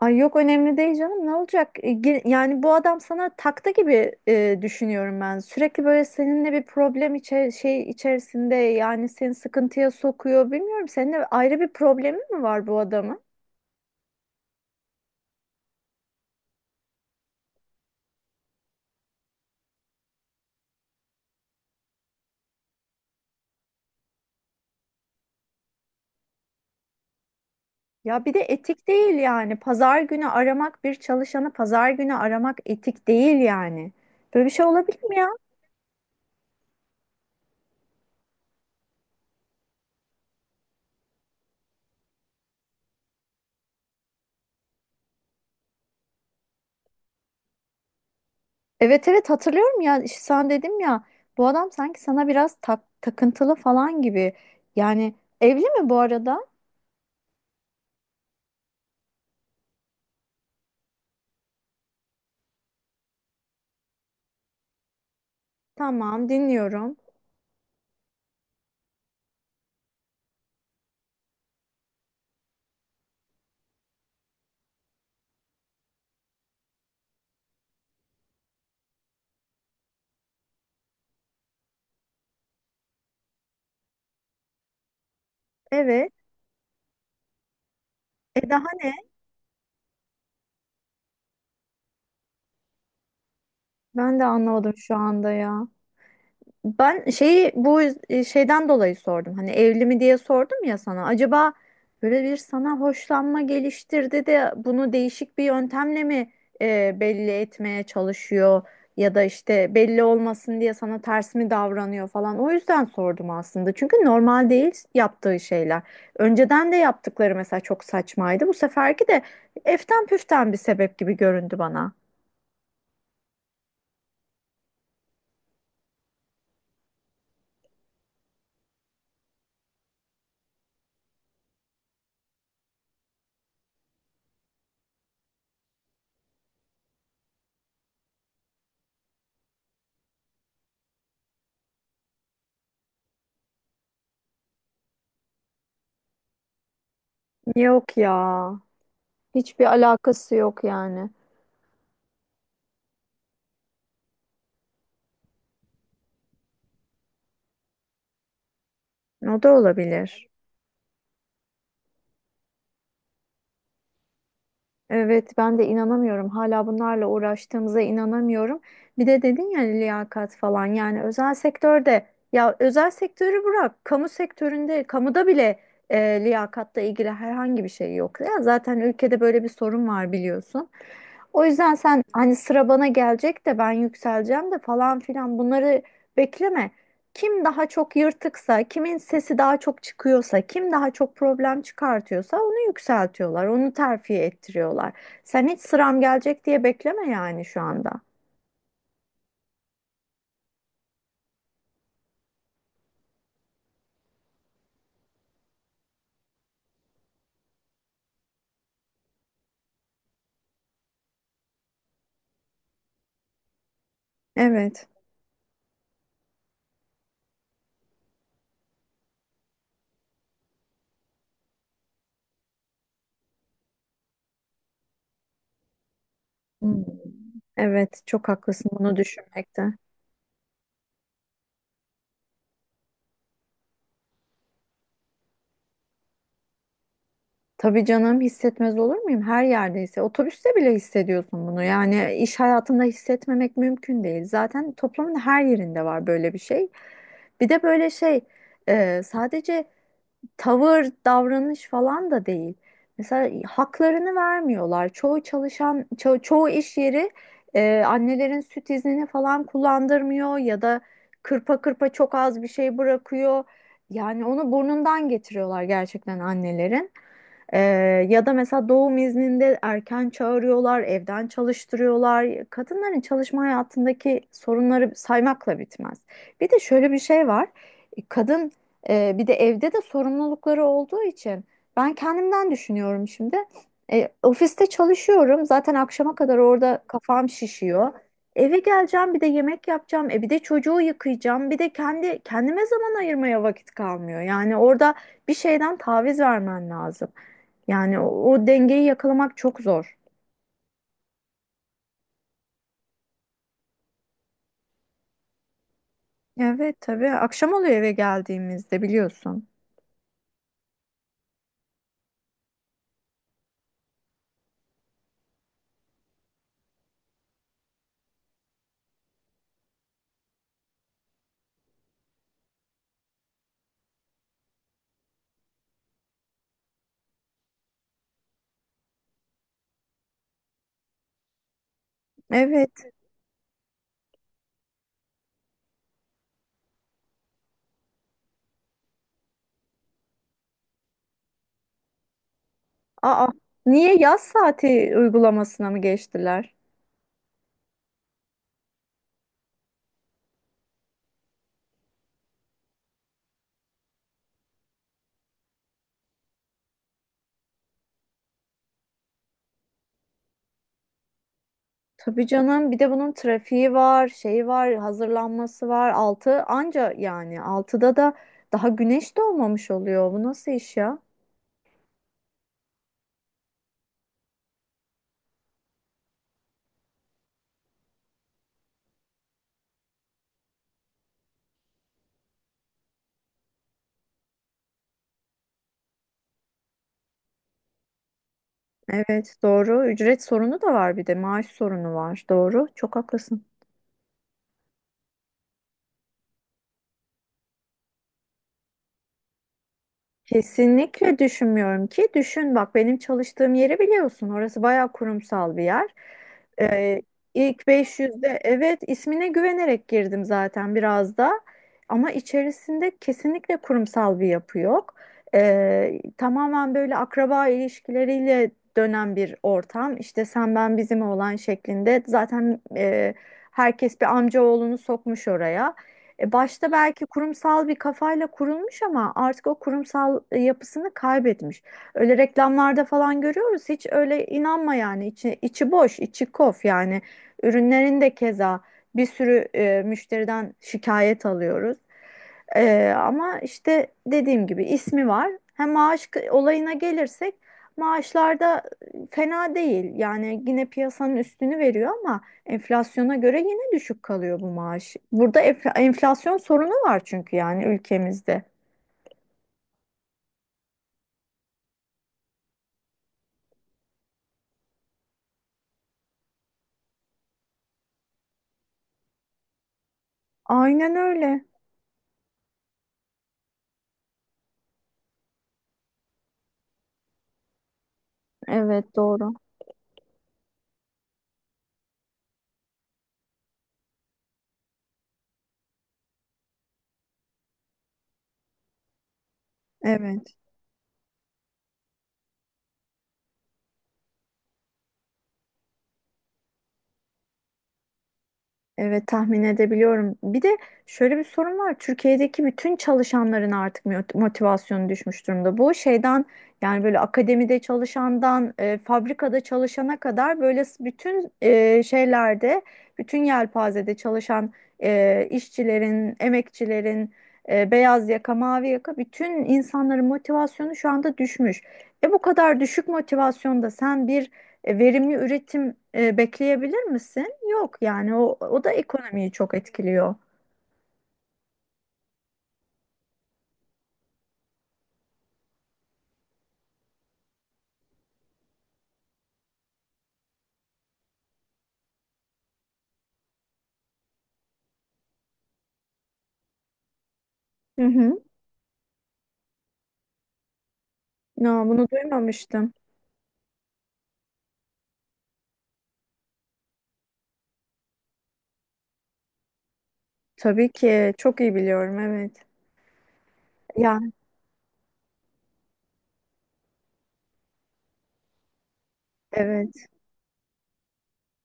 Ay yok önemli değil canım ne olacak? Yani bu adam sana taktı gibi düşünüyorum ben. Sürekli böyle seninle bir problem şey içerisinde yani seni sıkıntıya sokuyor. Bilmiyorum seninle ayrı bir problemi mi var bu adamın? Ya bir de etik değil yani. Pazar günü aramak bir çalışanı pazar günü aramak etik değil yani. Böyle bir şey olabilir mi ya? Evet, evet, hatırlıyorum ya işte sen dedim ya bu adam sanki sana biraz takıntılı falan gibi. Yani evli mi bu arada? Tamam, dinliyorum. Evet. E, daha ne? Ben de anlamadım şu anda ya. Ben şeyi bu şeyden dolayı sordum. Hani evli mi diye sordum ya sana. Acaba böyle bir sana hoşlanma geliştirdi de bunu değişik bir yöntemle mi belli etmeye çalışıyor ya da işte belli olmasın diye sana ters mi davranıyor falan. O yüzden sordum aslında. Çünkü normal değil yaptığı şeyler. Önceden de yaptıkları mesela çok saçmaydı. Bu seferki de eften püften bir sebep gibi göründü bana. Yok ya. Hiçbir alakası yok yani. O da olabilir. Evet, ben de inanamıyorum. Hala bunlarla uğraştığımıza inanamıyorum. Bir de dedin ya liyakat falan yani özel sektörde, ya özel sektörü bırak. Kamu sektöründe, kamuda bile liyakatla ilgili herhangi bir şey yok. Ya zaten ülkede böyle bir sorun var, biliyorsun. O yüzden sen hani sıra bana gelecek de ben yükseleceğim de falan filan, bunları bekleme. Kim daha çok yırtıksa, kimin sesi daha çok çıkıyorsa, kim daha çok problem çıkartıyorsa onu yükseltiyorlar, onu terfi ettiriyorlar. Sen hiç sıram gelecek diye bekleme yani şu anda. Evet. Hmm. Evet, çok haklısın bunu düşünmekte. Tabii canım, hissetmez olur muyum? Her yerdeyse. Otobüste bile hissediyorsun bunu. Yani iş hayatında hissetmemek mümkün değil. Zaten toplumun her yerinde var böyle bir şey. Bir de böyle şey sadece tavır, davranış falan da değil. Mesela haklarını vermiyorlar. Çoğu çalışan, çoğu iş yeri annelerin süt iznini falan kullandırmıyor ya da kırpa kırpa çok az bir şey bırakıyor. Yani onu burnundan getiriyorlar gerçekten annelerin. Ee, ya da mesela doğum izninde erken çağırıyorlar, evden çalıştırıyorlar. Kadınların çalışma hayatındaki sorunları saymakla bitmez. Bir de şöyle bir şey var. Kadın bir de evde de sorumlulukları olduğu için ben kendimden düşünüyorum şimdi. Ofiste çalışıyorum. Zaten akşama kadar orada kafam şişiyor. Eve geleceğim, bir de yemek yapacağım, bir de çocuğu yıkayacağım, bir de kendi kendime zaman ayırmaya vakit kalmıyor. Yani orada bir şeyden taviz vermen lazım. Yani o dengeyi yakalamak çok zor. Evet tabii. Akşam oluyor eve geldiğimizde, biliyorsun. Evet. Aa, niye yaz saati uygulamasına mı geçtiler? Tabii canım. Bir de bunun trafiği var, şeyi var, hazırlanması var. 6 anca yani 6'da da daha güneş doğmamış oluyor. Bu nasıl iş ya? Evet, doğru. Ücret sorunu da var, bir de maaş sorunu var. Doğru. Çok haklısın. Kesinlikle düşünmüyorum ki. Düşün bak, benim çalıştığım yeri biliyorsun. Orası bayağı kurumsal bir yer. Ee, ilk 500'de, evet, ismine güvenerek girdim zaten biraz da. Ama içerisinde kesinlikle kurumsal bir yapı yok. Tamamen böyle akraba ilişkileriyle dönen bir ortam. İşte sen ben bizim olan şeklinde. Zaten herkes bir amcaoğlunu sokmuş oraya. Başta belki kurumsal bir kafayla kurulmuş ama artık o kurumsal yapısını kaybetmiş. Öyle reklamlarda falan görüyoruz. Hiç öyle inanma yani. İçi boş, içi kof yani. Ürünlerin de keza bir sürü müşteriden şikayet alıyoruz. Ama işte dediğim gibi ismi var. Hem maaş olayına gelirsek, maaşlarda fena değil. Yani yine piyasanın üstünü veriyor ama enflasyona göre yine düşük kalıyor bu maaş. Burada enflasyon sorunu var çünkü yani, ülkemizde. Aynen öyle. Evet doğru. Evet. Evet, tahmin edebiliyorum. Bir de şöyle bir sorun var. Türkiye'deki bütün çalışanların artık motivasyonu düşmüş durumda. Bu şeyden yani böyle akademide çalışandan fabrikada çalışana kadar, böyle bütün şeylerde, bütün yelpazede çalışan işçilerin, emekçilerin, beyaz yaka, mavi yaka bütün insanların motivasyonu şu anda düşmüş. Bu kadar düşük motivasyonda sen bir verimli üretim bekleyebilir misin? Yok yani o da ekonomiyi çok etkiliyor. Hı hı. Ya, bunu duymamıştım. Tabii ki çok iyi biliyorum, evet. Ya evet.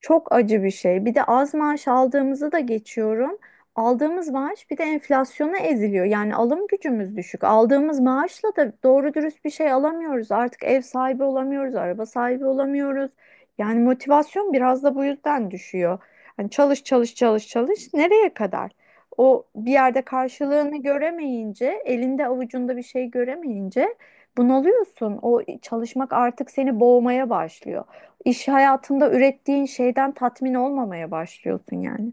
Çok acı bir şey. Bir de az maaş aldığımızı da geçiyorum. Aldığımız maaş bir de enflasyona eziliyor. Yani alım gücümüz düşük. Aldığımız maaşla da doğru dürüst bir şey alamıyoruz. Artık ev sahibi olamıyoruz, araba sahibi olamıyoruz. Yani motivasyon biraz da bu yüzden düşüyor. Hani çalış çalış çalış çalış, nereye kadar? O bir yerde karşılığını göremeyince, elinde avucunda bir şey göremeyince bunalıyorsun. O çalışmak artık seni boğmaya başlıyor, iş hayatında ürettiğin şeyden tatmin olmamaya başlıyorsun yani.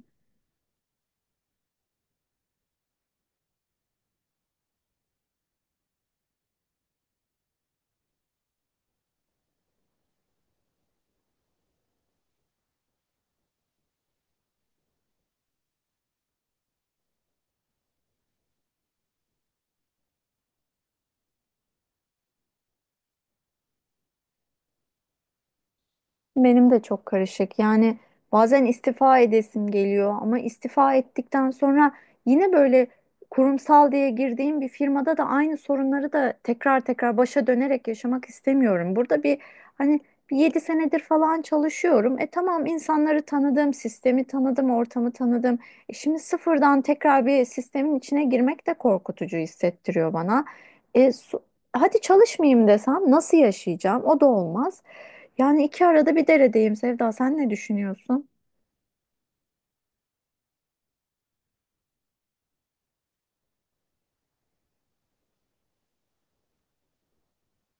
Benim de çok karışık. Yani bazen istifa edesim geliyor ama istifa ettikten sonra yine böyle kurumsal diye girdiğim bir firmada da aynı sorunları da tekrar tekrar başa dönerek yaşamak istemiyorum. Burada bir, hani bir 7 senedir falan çalışıyorum. Tamam insanları tanıdım, sistemi tanıdım, ortamı tanıdım. Şimdi sıfırdan tekrar bir sistemin içine girmek de korkutucu hissettiriyor bana. E, su- hadi çalışmayayım desem nasıl yaşayacağım? O da olmaz. Yani iki arada bir deredeyim Sevda. Sen ne düşünüyorsun?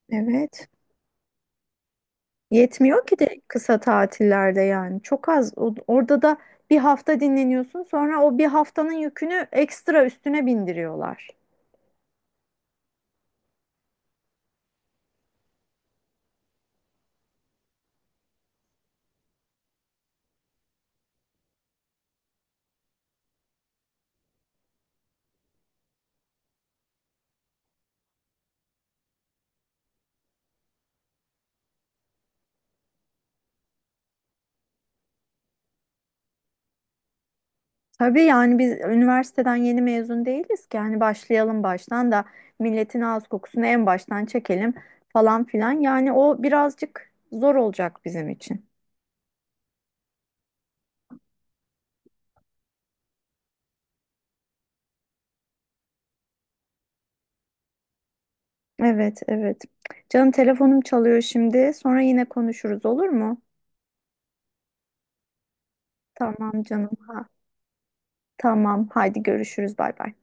Evet. Yetmiyor ki de kısa tatillerde yani. Çok az. Orada da bir hafta dinleniyorsun. Sonra o bir haftanın yükünü ekstra üstüne bindiriyorlar. Tabii yani biz üniversiteden yeni mezun değiliz ki. Yani başlayalım baştan da milletin ağız kokusunu en baştan çekelim falan filan. Yani o birazcık zor olacak bizim için. Evet, evet. Canım telefonum çalıyor şimdi. Sonra yine konuşuruz, olur mu? Tamam canım. Ha, tamam. Haydi görüşürüz. Bay bay.